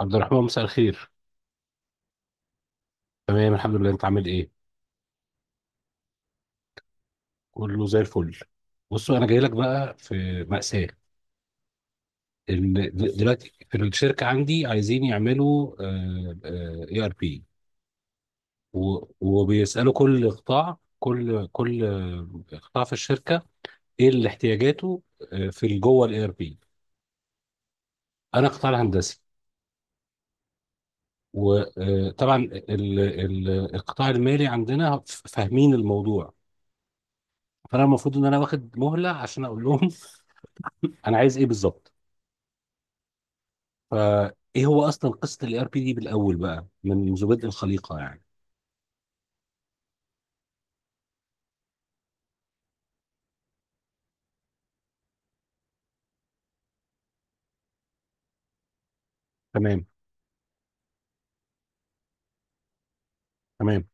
عبد الرحمن، مساء الخير. تمام، الحمد لله. انت عامل ايه؟ كله زي الفل. بصوا، انا جاي لك بقى في مأساة. دلوقتي في الشركة عندي عايزين يعملوا اي ار بي، وبيسألوا كل قطاع في الشركة، ايه اللي احتياجاته؟ في جوه الاي ار بي. انا قطاع الهندسي. وطبعا القطاع المالي عندنا فاهمين الموضوع. فانا المفروض ان انا واخد مهلة عشان اقول لهم، انا عايز ايه بالظبط. فايه هو اصلا قصه الاي ار بي دي بالاول بقى منذ بدء الخليقه يعني؟ تمام. تمام.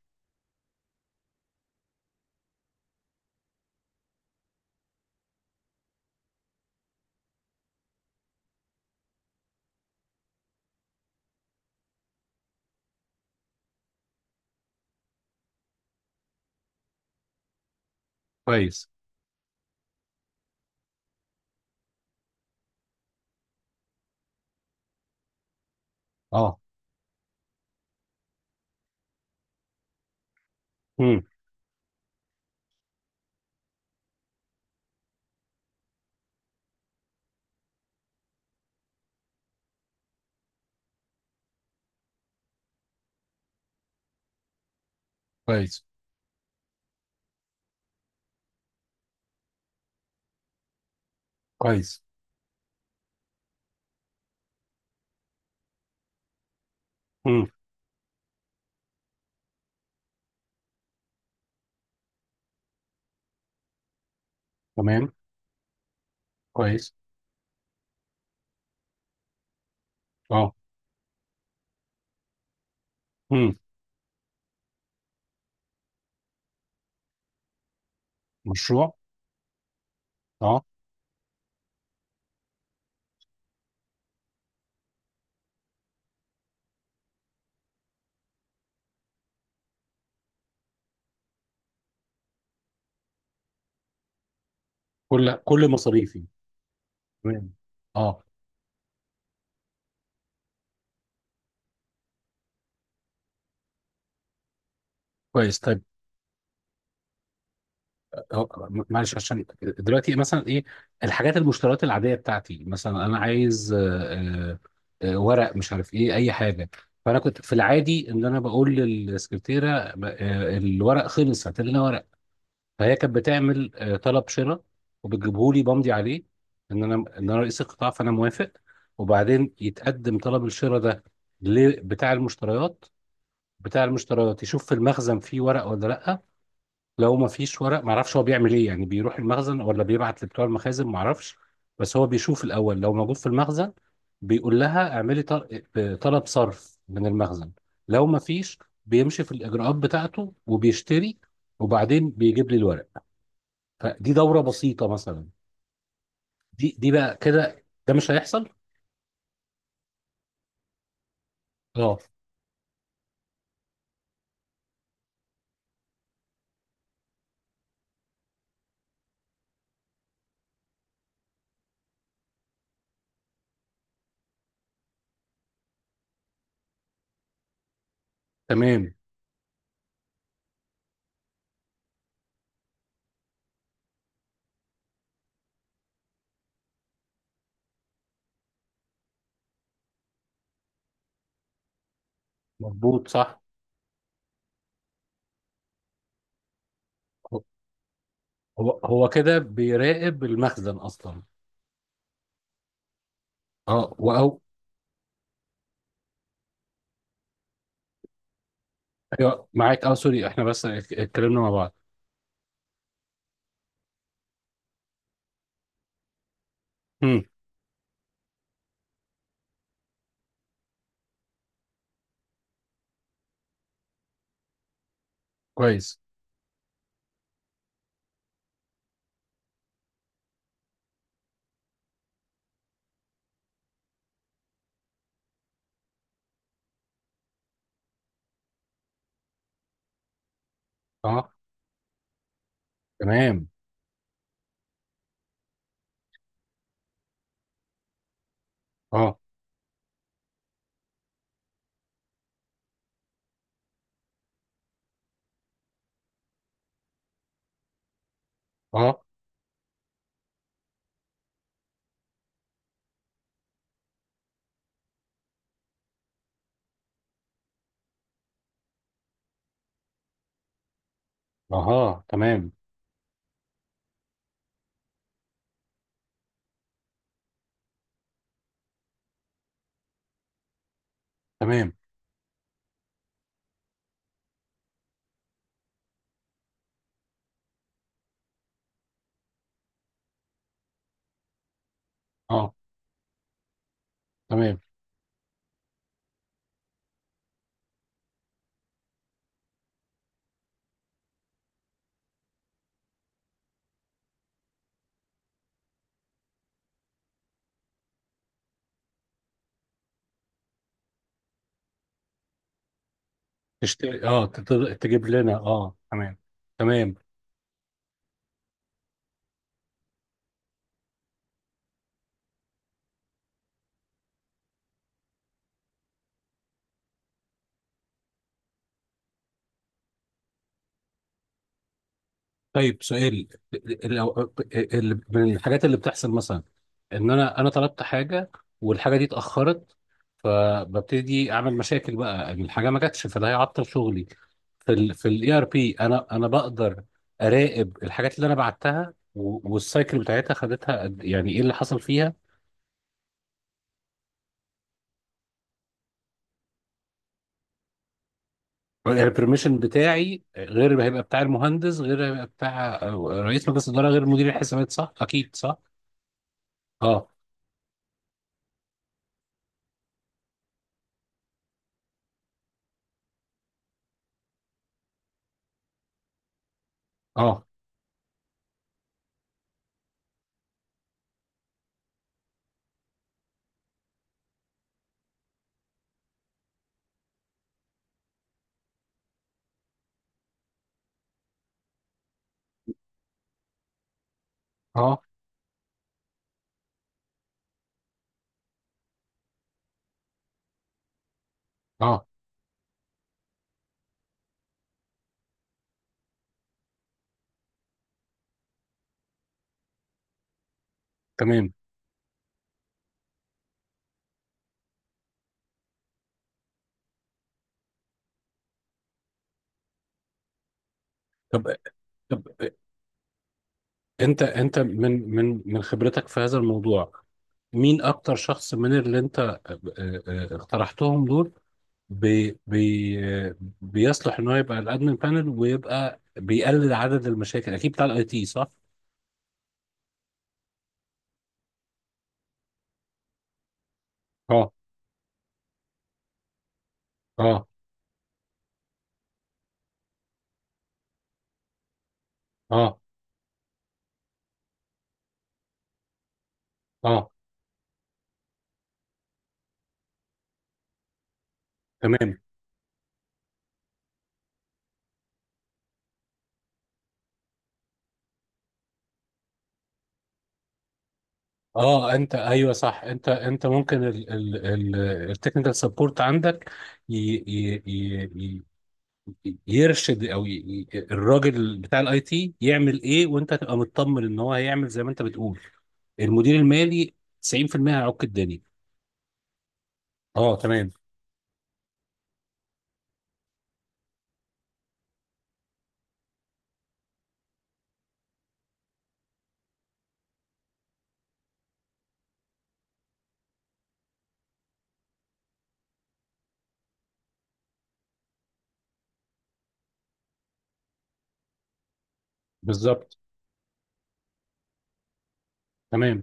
كويس. اه. امم. كويس. كويس. امم. تمام. كويس. اه. امم. مشروع. اه. كل مصاريفي. تمام. اه. كويس. طيب. آه، معلش، عشان دلوقتي مثلا ايه الحاجات المشتريات العاديه بتاعتي، مثلا انا عايز ورق، مش عارف ايه، اي حاجه. فانا كنت في العادي ان انا بقول للسكرتيره الورق خلص، هات لنا ورق. فهي كانت بتعمل طلب شراء، وبتجيبه لي بمضي عليه ان انا رئيس القطاع فانا موافق. وبعدين يتقدم طلب الشراء ده لبتاع المشتريات. بتاع المشتريات يشوف في المخزن فيه ورق ولا لا. لو ما فيش ورق، ما اعرفش هو بيعمل ايه، يعني بيروح المخزن ولا بيبعت لبتوع المخازن، ما اعرفش. بس هو بيشوف الاول لو موجود في المخزن بيقول لها اعملي طلب صرف من المخزن. لو ما فيش، بيمشي في الاجراءات بتاعته وبيشتري، وبعدين بيجيب لي الورق. فدي دورة بسيطة مثلا. دي بقى كده، ده مش هيحصل. اه. تمام. مظبوط. صح. هو هو كده بيراقب المخزن اصلا. اه. واو. أيوة، معاك. اه سوري، احنا بس اتكلمنا مع بعض. امم. كويس. اه. تمام. اه. اه. اها، تمام. تمام. اه. تمام. تشتري. اه، تجيب لنا. اه. تمام. تمام. طيب، سؤال. من الحاجات اللي بتحصل مثلا ان انا طلبت حاجه، والحاجه دي اتاخرت، فببتدي اعمل مشاكل بقى إن الحاجه ما جاتش، فده هيعطل شغلي. في الاي ار بي انا بقدر اراقب الحاجات اللي انا بعتها و- والسايكل بتاعتها خدتها قد- إيه، يعني ايه اللي حصل فيها. البرميشن بتاعي غير اللي هيبقى بتاع المهندس، غير اللي هيبقى بتاع رئيس مجلس الاداره، غير مدير الحسابات، صح؟ اكيد صح. اه. اه. اه. اه. تمام. طب طب، انت من خبرتك في هذا الموضوع، مين اكتر شخص من اللي انت اقترحتهم دول بي بي بيصلح ان هو يبقى الادمن بانل ويبقى بيقلل عدد المشاكل؟ اكيد بتاع الاي تي، صح؟ اه. اه. اه. اه. تمام. اه، انت، ايوه، صح. انت ممكن التكنيكال سبورت عندك ي- ي- ي- يرشد، او الراجل بتاع الاي تي يعمل ايه، وانت تبقى مطمن ان هو هيعمل زي ما انت بتقول. المدير المالي 90% هيعك الدنيا. اه. تمام. بالظبط. تمام.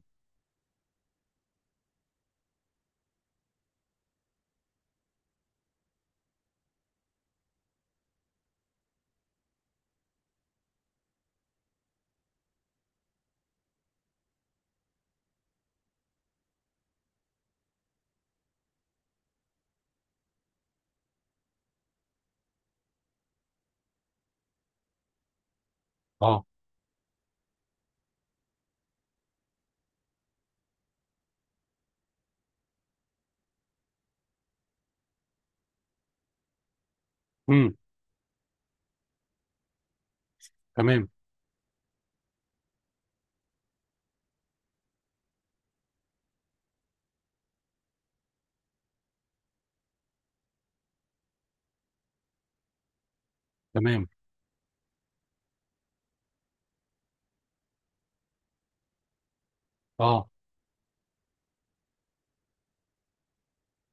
اه. امم. تمام. تمام. اه.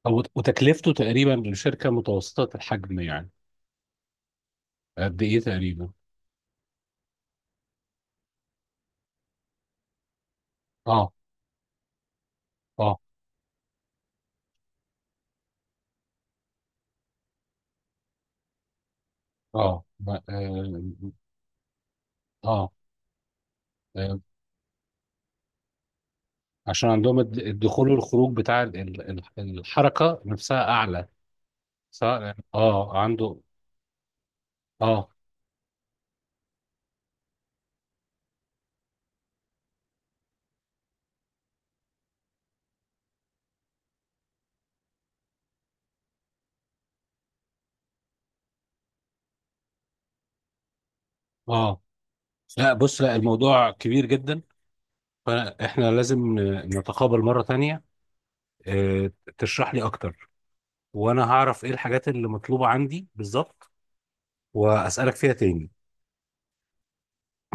أو... وتكلفته تقريبا لشركه متوسطه الحجم يعني قد ايه تقريبا؟ اه. اه. اه. آه. آه. عشان عندهم الدخول والخروج بتاع الحركه نفسها اعلى، سواء اه عنده. اه. اه. لا بص، لا، الموضوع كبير جدا، فاحنا لازم نتقابل مرة تانية. آه، تشرح لي اكتر، وانا هعرف ايه الحاجات اللي مطلوبة عندي بالظبط، واسألك فيها تاني.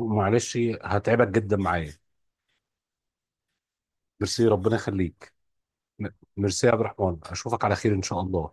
معلش، هتعبك جدا معايا. ميرسي، ربنا يخليك. م- ميرسي يا عبد الرحمن، اشوفك على خير ان شاء الله.